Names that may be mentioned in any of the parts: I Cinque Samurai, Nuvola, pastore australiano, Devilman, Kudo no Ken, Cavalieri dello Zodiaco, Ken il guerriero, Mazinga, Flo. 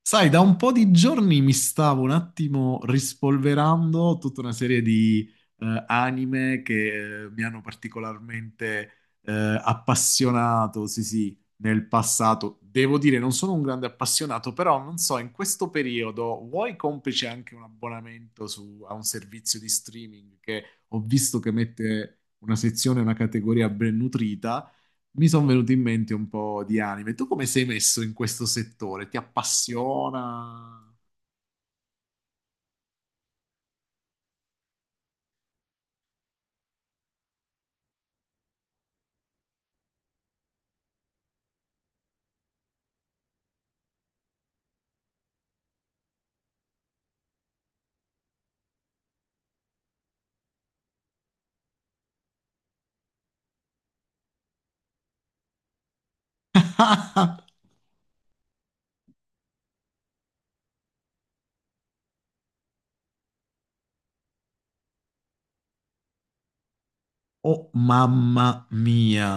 Sai, da un po' di giorni mi stavo un attimo rispolverando tutta una serie di anime che mi hanno particolarmente appassionato, sì sì, nel passato. Devo dire, non sono un grande appassionato, però non so, in questo periodo vuoi complice anche un abbonamento a un servizio di streaming che ho visto che mette una sezione, una categoria ben nutrita, mi sono venuti in mente un po' di anime. Tu come sei messo in questo settore? Ti appassiona? Oh, mamma mia.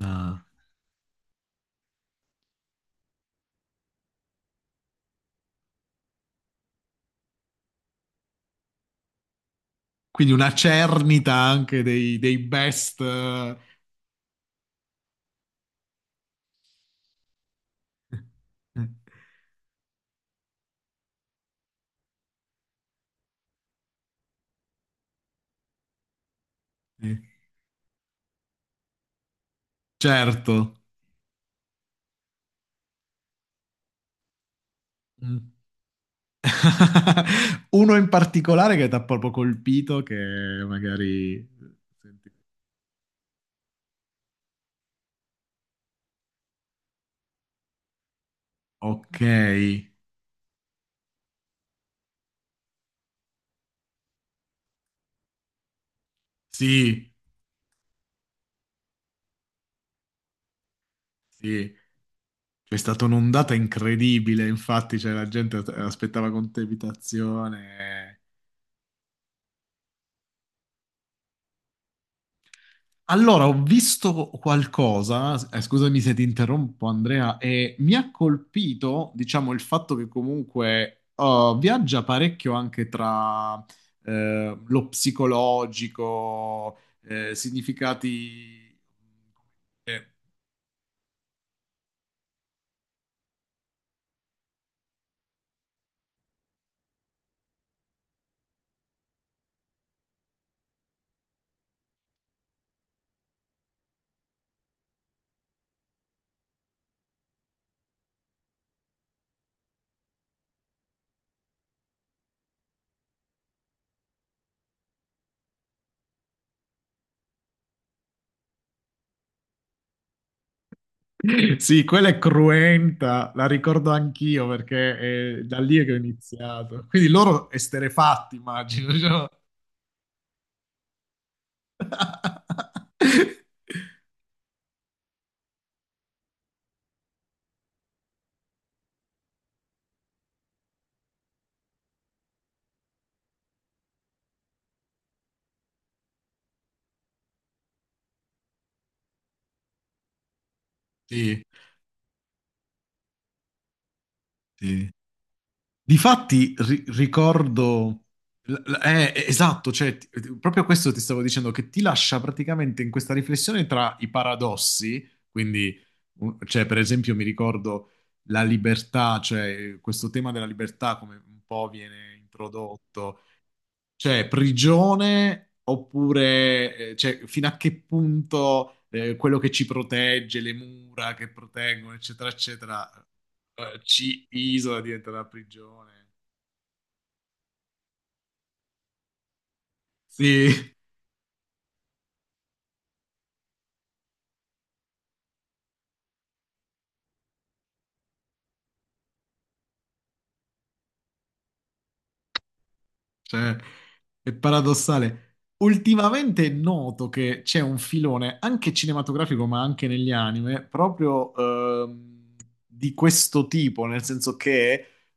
Ah. Quindi una cernita anche dei best. Eh. Certo. Mm. Uno in particolare che ti ha proprio colpito, che magari. Senti. Ok. Sì, sì. C'è stata un'ondata incredibile, infatti, cioè, la gente aspettava con tepitazione. Allora, ho visto qualcosa, scusami se ti interrompo, Andrea, e mi ha colpito, diciamo, il fatto che comunque oh, viaggia parecchio anche tra lo psicologico, significati. eh, Sì, quella è cruenta, la ricordo anch'io perché è da lì che ho iniziato. Quindi loro esterefatti, immagino. Cioè. Sì, sì. Difatti ricordo. Esatto, cioè, proprio questo ti stavo dicendo, che ti lascia praticamente in questa riflessione tra i paradossi, quindi, cioè, per esempio, mi ricordo la libertà, cioè questo tema della libertà come un po' viene introdotto. Cioè, prigione oppure cioè, fino a che punto quello che ci protegge, le mura che proteggono, eccetera, eccetera, ci isola diventa una prigione. Sì, cioè, è paradossale. Ultimamente è noto che c'è un filone, anche cinematografico, ma anche negli anime, proprio di questo tipo, nel senso che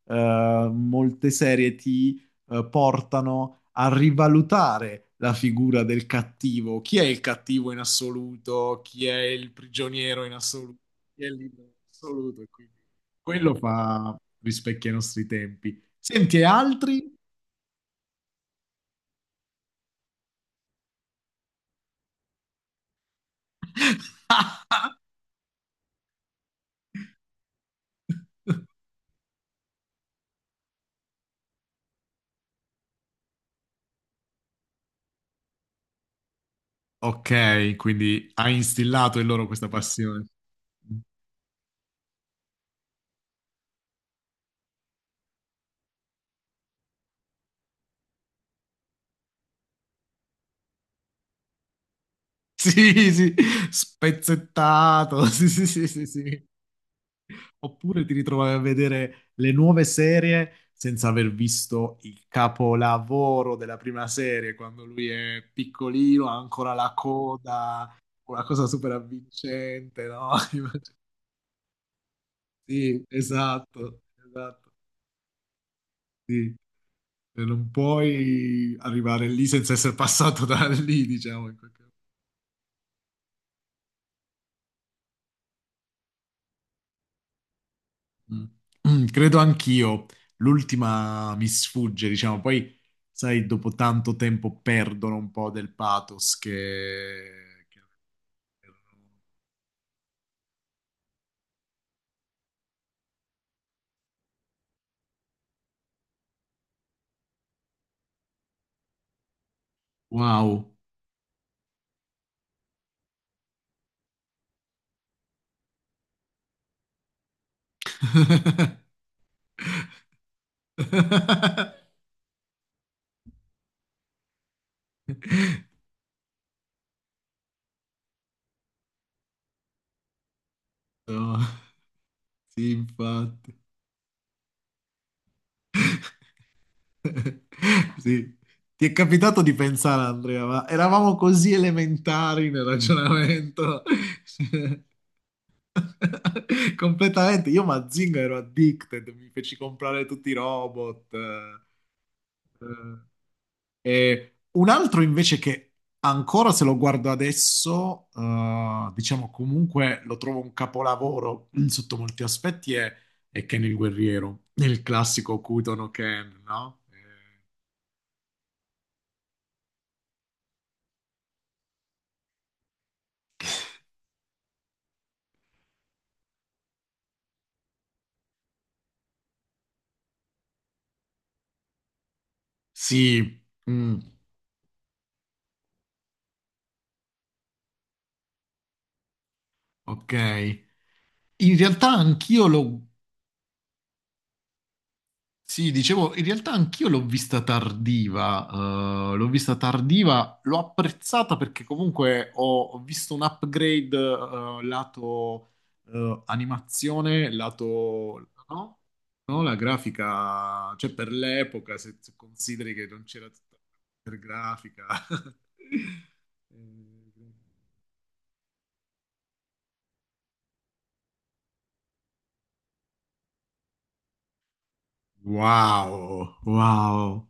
molte serie ti portano a rivalutare la figura del cattivo. Chi è il cattivo in assoluto? Chi è il prigioniero in assoluto? Chi è il libero in assoluto? E quindi quello fa rispecchia i nostri tempi. Senti, e altri? Ok, quindi ha instillato in loro questa passione. Sì, sì, spezzettato. Sì, sì, sì, sì, sì. Oppure ti ritrovavi a vedere le nuove serie senza aver visto il capolavoro della prima serie, quando lui è piccolino, ha ancora la coda, una cosa super avvincente, no? Sì, esatto, esatto. Sì. E non puoi arrivare lì senza essere passato da lì, diciamo, in qualche modo. Mm. Mm, credo anch'io, l'ultima mi sfugge, diciamo, poi sai, dopo tanto tempo perdono un po' del pathos. Wow. No, sì, infatti. Sì. Ti è capitato di pensare, Andrea, ma eravamo così elementari nel ragionamento. Completamente, io Mazinga ero addicted, mi feci comprare tutti i robot. Eh. E un altro invece che ancora se lo guardo adesso, diciamo comunque lo trovo un capolavoro sotto molti aspetti, è Ken il guerriero, il classico Kudo no Ken, no? Sì, mm, ok. In realtà anch'io lo Sì, dicevo, in realtà anch'io l'ho vista tardiva, l'ho vista tardiva, l'ho apprezzata perché comunque ho visto un upgrade lato animazione, lato. No? No, la grafica, cioè per l'epoca, se consideri che non c'era tutta la grafica. Eh, Wow, wow.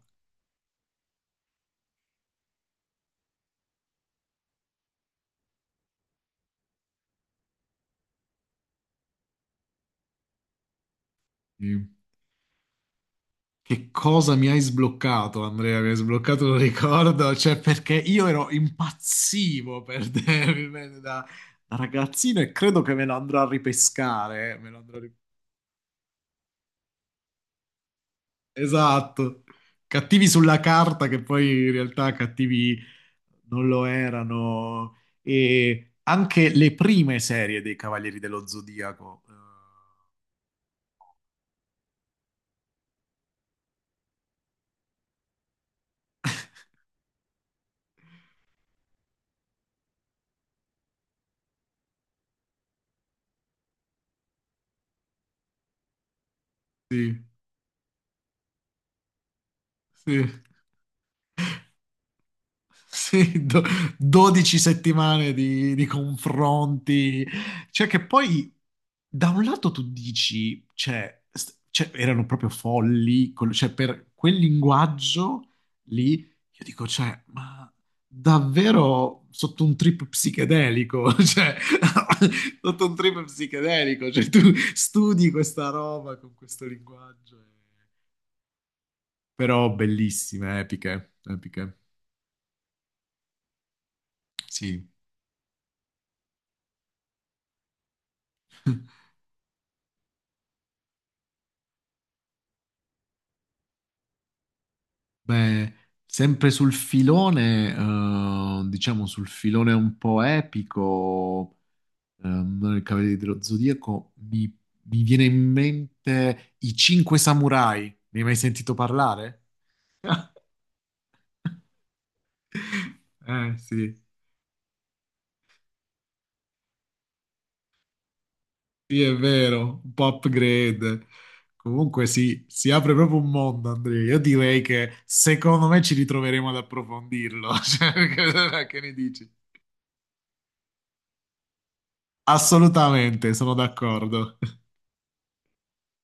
Che cosa mi hai sbloccato, Andrea? Mi hai sbloccato un ricordo, cioè perché io ero impazzivo per Devilman da ragazzino e credo che me lo andrò a ripescare. Me lo andrò a ri- Esatto, cattivi sulla carta che poi in realtà cattivi non lo erano. E anche le prime serie dei Cavalieri dello Zodiaco. Sì, sì. Sì, 12 settimane di confronti, cioè che poi da un lato tu dici, cioè, cioè, erano proprio folli, cioè per quel linguaggio lì, io dico, cioè, ma davvero sotto un trip psichedelico, cioè, sotto un trip psichedelico, cioè tu studi questa roba con questo linguaggio, però bellissime, epiche, epiche, sì. Beh, sempre sul filone, diciamo sul filone un po' epico, non il Cavaliere dello Zodiaco, mi viene in mente I Cinque Samurai. Ne hai mai sentito parlare? Eh sì, sì, è vero, un po' upgrade. Comunque sì, si apre proprio un mondo, Andrea. Io direi che secondo me ci ritroveremo ad approfondirlo. Cioè, che ne dici? Assolutamente, sono d'accordo.